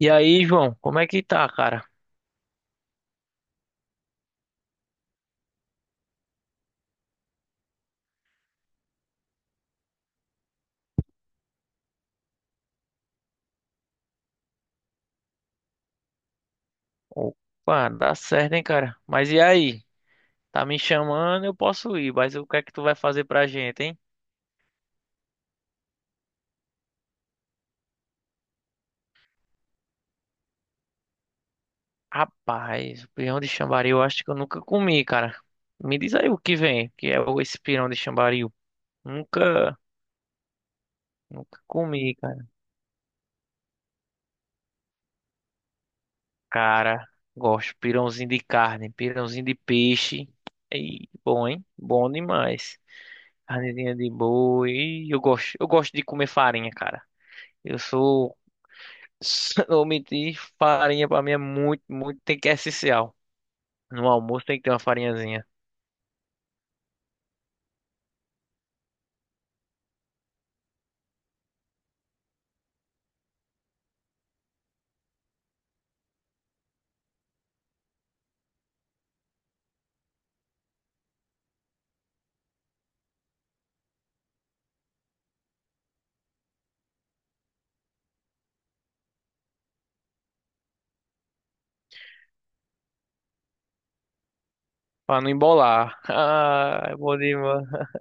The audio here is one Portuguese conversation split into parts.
E aí, João, como é que tá, cara? Opa, dá certo, hein, cara? Mas e aí? Tá me chamando, eu posso ir, mas o que é que tu vai fazer pra gente, hein? Rapaz, pirão de chambaril eu acho que eu nunca comi, cara. Me diz aí o que vem, que é o- esse pirão de chambaril. Nunca, nunca comi, cara. Cara, gosto pirãozinho de carne, pirãozinho de peixe. E bom, hein? Bom demais. Carnezinha de boi. E eu gosto de comer farinha, cara. Eu sou Se não omitir, farinha pra mim é muito, muito, tem que é essencial. No almoço tem que ter uma farinhazinha. Pra não embolar. Ah, é bom demais.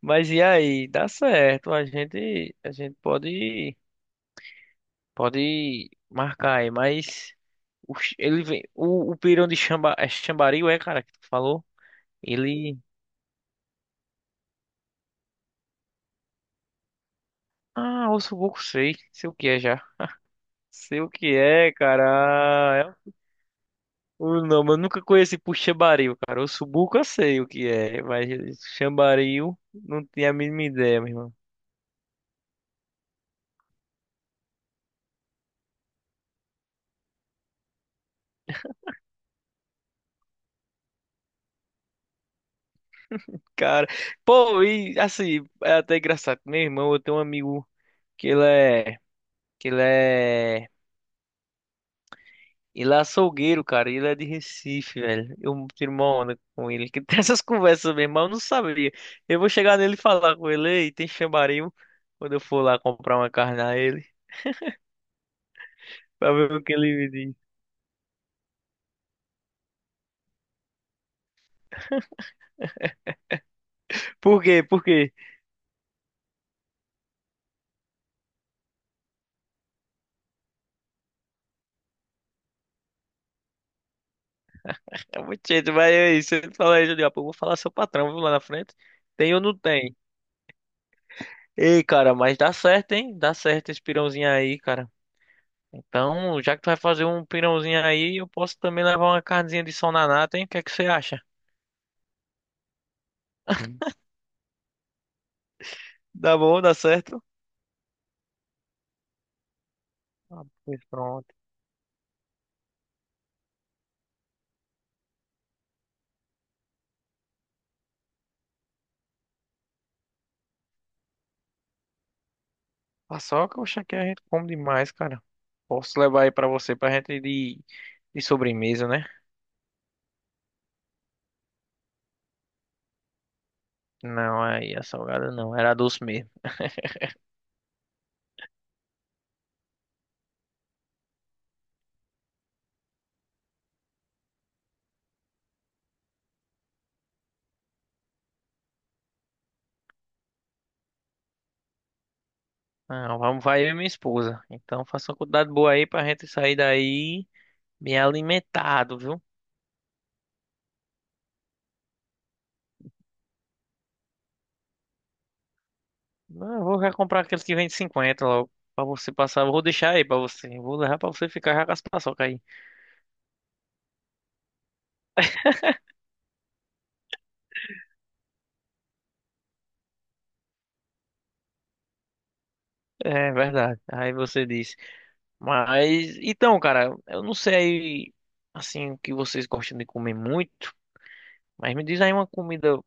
Mas e aí? Dá certo. A gente pode, marcar aí. Mas o, ch- ele vem, o pirão de chamba, é chambaril, é, cara, que tu falou? Ele. Ah, osso pouco sei. Sei o que é já. Sei o que é, cara. É Não, mas eu nunca conheci por Xambaril, cara. O Subuco eu sei o que é, mas Xambaril não tinha a mínima ideia, meu irmão. Cara, pô, e assim, é até engraçado. Meu irmão, eu tenho um amigo que ele é, que ele é, ele é açougueiro, cara, e ele é de Recife, velho. Eu tiro uma onda com ele, que tem essas conversas, meu irmão, eu não sabia. Eu vou chegar nele e falar com ele, ei, tem Xambaril, quando eu for lá comprar uma carne a ele, pra ver o que ele me diz. Por quê? Por quê? É muito jeito, mas aí, você fala aí, Julião, pô, eu vou falar seu patrão, viu, lá na frente. Tem ou não tem? Ei, cara, mas dá certo, hein? Dá certo esse pirãozinho aí, cara. Então, já que tu vai fazer um pirãozinho aí, eu posso também levar uma carnezinha de sol na nata, hein? O que é que você acha? Dá bom, dá certo? Ah, pois pronto. Paçoca, oxe, aqui a gente come demais, cara. Posso levar aí pra você, pra gente ir de sobremesa, né? Não, aí a salgada não, era doce mesmo. Não, vamos, vai eu e minha esposa. Então faça uma quantidade boa aí pra gente sair daí bem alimentado, viu? Não, eu vou já comprar aqueles que vem de 50 logo. Pra você passar, eu vou deixar aí pra você. Eu vou levar pra você ficar já com as paçoca aí. É verdade. Aí você disse. Mas, então, cara, eu não sei aí, assim, o que vocês gostam de comer muito. Mas me diz aí uma comida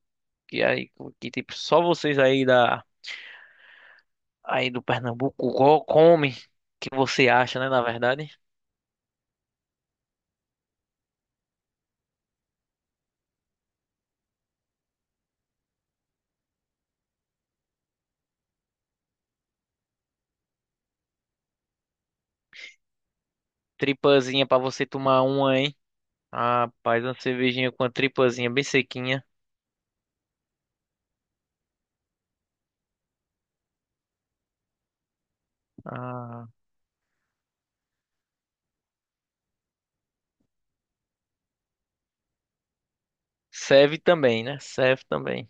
que aí, que tipo, só vocês aí da, aí do Pernambuco go- comem. Que você acha, né, na verdade? Tripazinha pra você tomar uma, hein? Rapaz, uma cervejinha com a tripazinha bem sequinha. Ah, serve também, né? Serve também.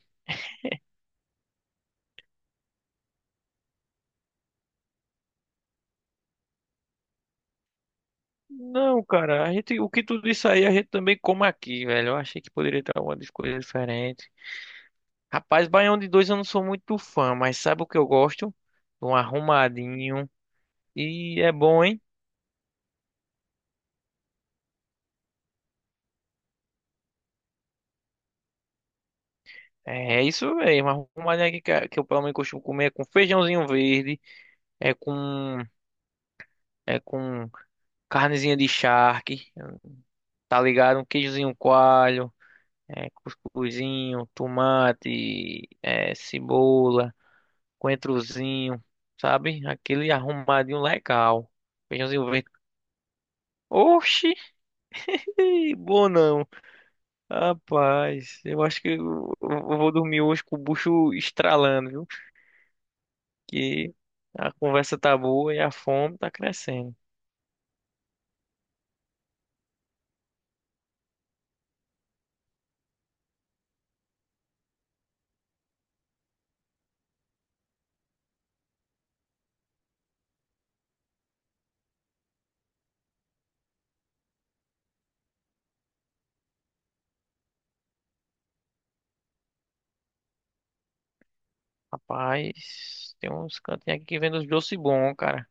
Não, cara, a gente, o que tudo isso aí a gente também come aqui, velho. Eu achei que poderia ter alguma coisa diferente. Rapaz, baião de dois eu não sou muito fã, mas sabe o que eu gosto? Um arrumadinho. E é bom, hein? É é isso mesmo. Arrumadinho aqui que, a- que eu pelo menos costumo comer é com feijãozinho verde, é com, é com carnezinha de charque. Tá ligado? Um queijozinho coalho, é, cuscuzinho, tomate, é, cebola, coentrozinho, sabe? Aquele arrumadinho legal. Feijãozinho verde. Oxi, bom não. Rapaz, eu acho que eu vou dormir hoje com o bucho estralando, viu? Que a conversa tá boa e a fome tá crescendo. Rapaz, tem uns cantinhos aqui que vendem uns doces bons, cara.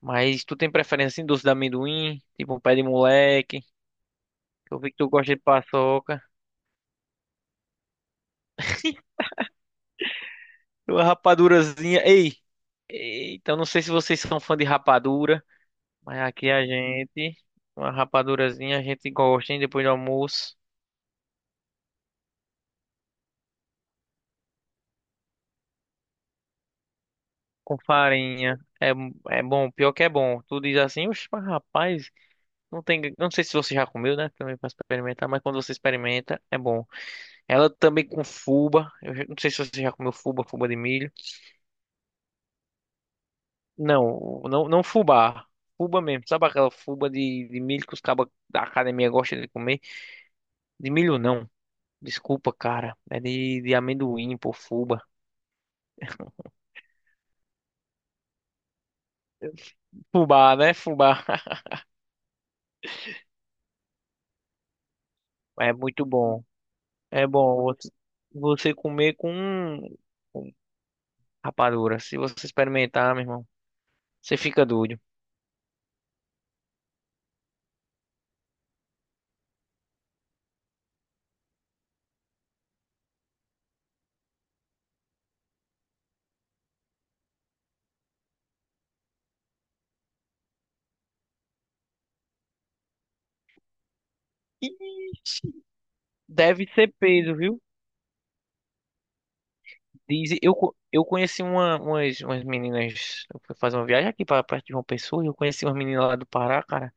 Mas tu tem preferência em doce de amendoim? Tipo um pé de moleque? Eu vi que tu gosta de paçoca. Uma rapadurazinha. Ei! Então não sei se vocês são fã de rapadura, mas aqui a gente. Uma rapadurazinha a gente gosta, hein? Depois do almoço. Com farinha. É, é bom, pior que é bom. Tu diz assim, oxe, mas rapaz, não tem. Não sei se você já comeu, né? Também pra experimentar, mas quando você experimenta, é bom. Ela também com fuba. Eu já- não sei se você já comeu fuba, fuba de milho. Não, não, não fubá. Fubá mesmo. Sabe aquela fuba de milho que os cabas da academia gostam de comer? De milho não. Desculpa, cara. É de amendoim, pô, fuba. Fubá, né? Fubá. É muito bom. É bom você comer com rapadura. Se você experimentar, meu irmão, você fica doido. Ixi, deve ser peso, viu? Diz, eu, co- eu conheci uma, umas, umas meninas. Eu fui fazer uma viagem aqui para perto de João Pessoa, e eu conheci umas meninas lá do Pará, cara.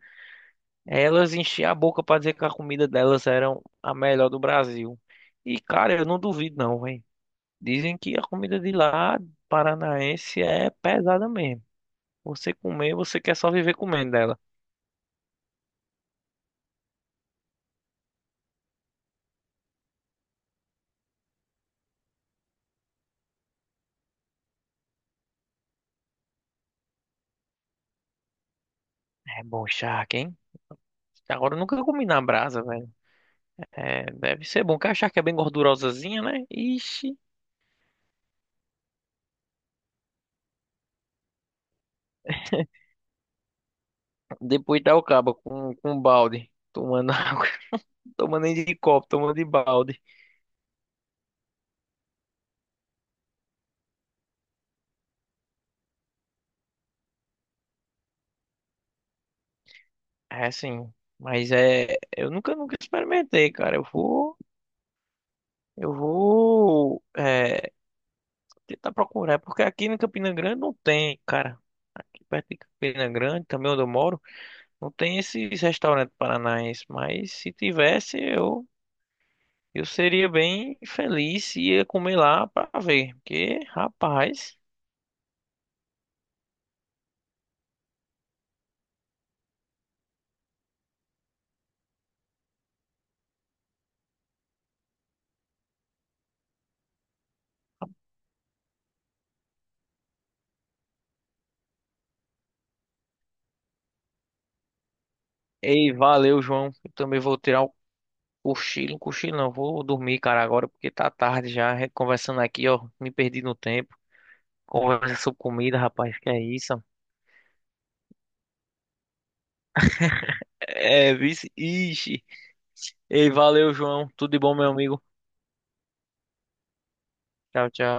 Elas enchiam a boca pra dizer que a comida delas era a melhor do Brasil. E, cara, eu não duvido não, velho. Dizem que a comida de lá, paranaense, é pesada mesmo. Você comer, você quer só viver comendo dela. É bom charque, hein? Agora eu nunca comi na brasa, velho. É, deve ser bom, que a charque é bem gordurosazinha, né? Ixi. Depois dá o cabo com balde. Tomando água. Tomando nem de copo, tomando de balde. É assim. Mas é. Eu nunca experimentei, cara. Eu vou. Eu vou é, tentar procurar, porque aqui em Campina Grande não tem, cara. Aqui perto de Campina Grande, também onde eu moro, não tem esses restaurantes paranaenses. Mas se tivesse, eu seria bem feliz se ia comer lá pra ver. Porque, rapaz. Ei, valeu, João. Eu também vou tirar o cochilo, um cochilo não, vou dormir, cara, agora, porque tá tarde já. A gente conversando aqui, ó, me perdi no tempo. Conversa sobre comida, rapaz, que é isso? É, vice. Ixi. Ei, valeu, João. Tudo de bom, meu amigo. Tchau, tchau.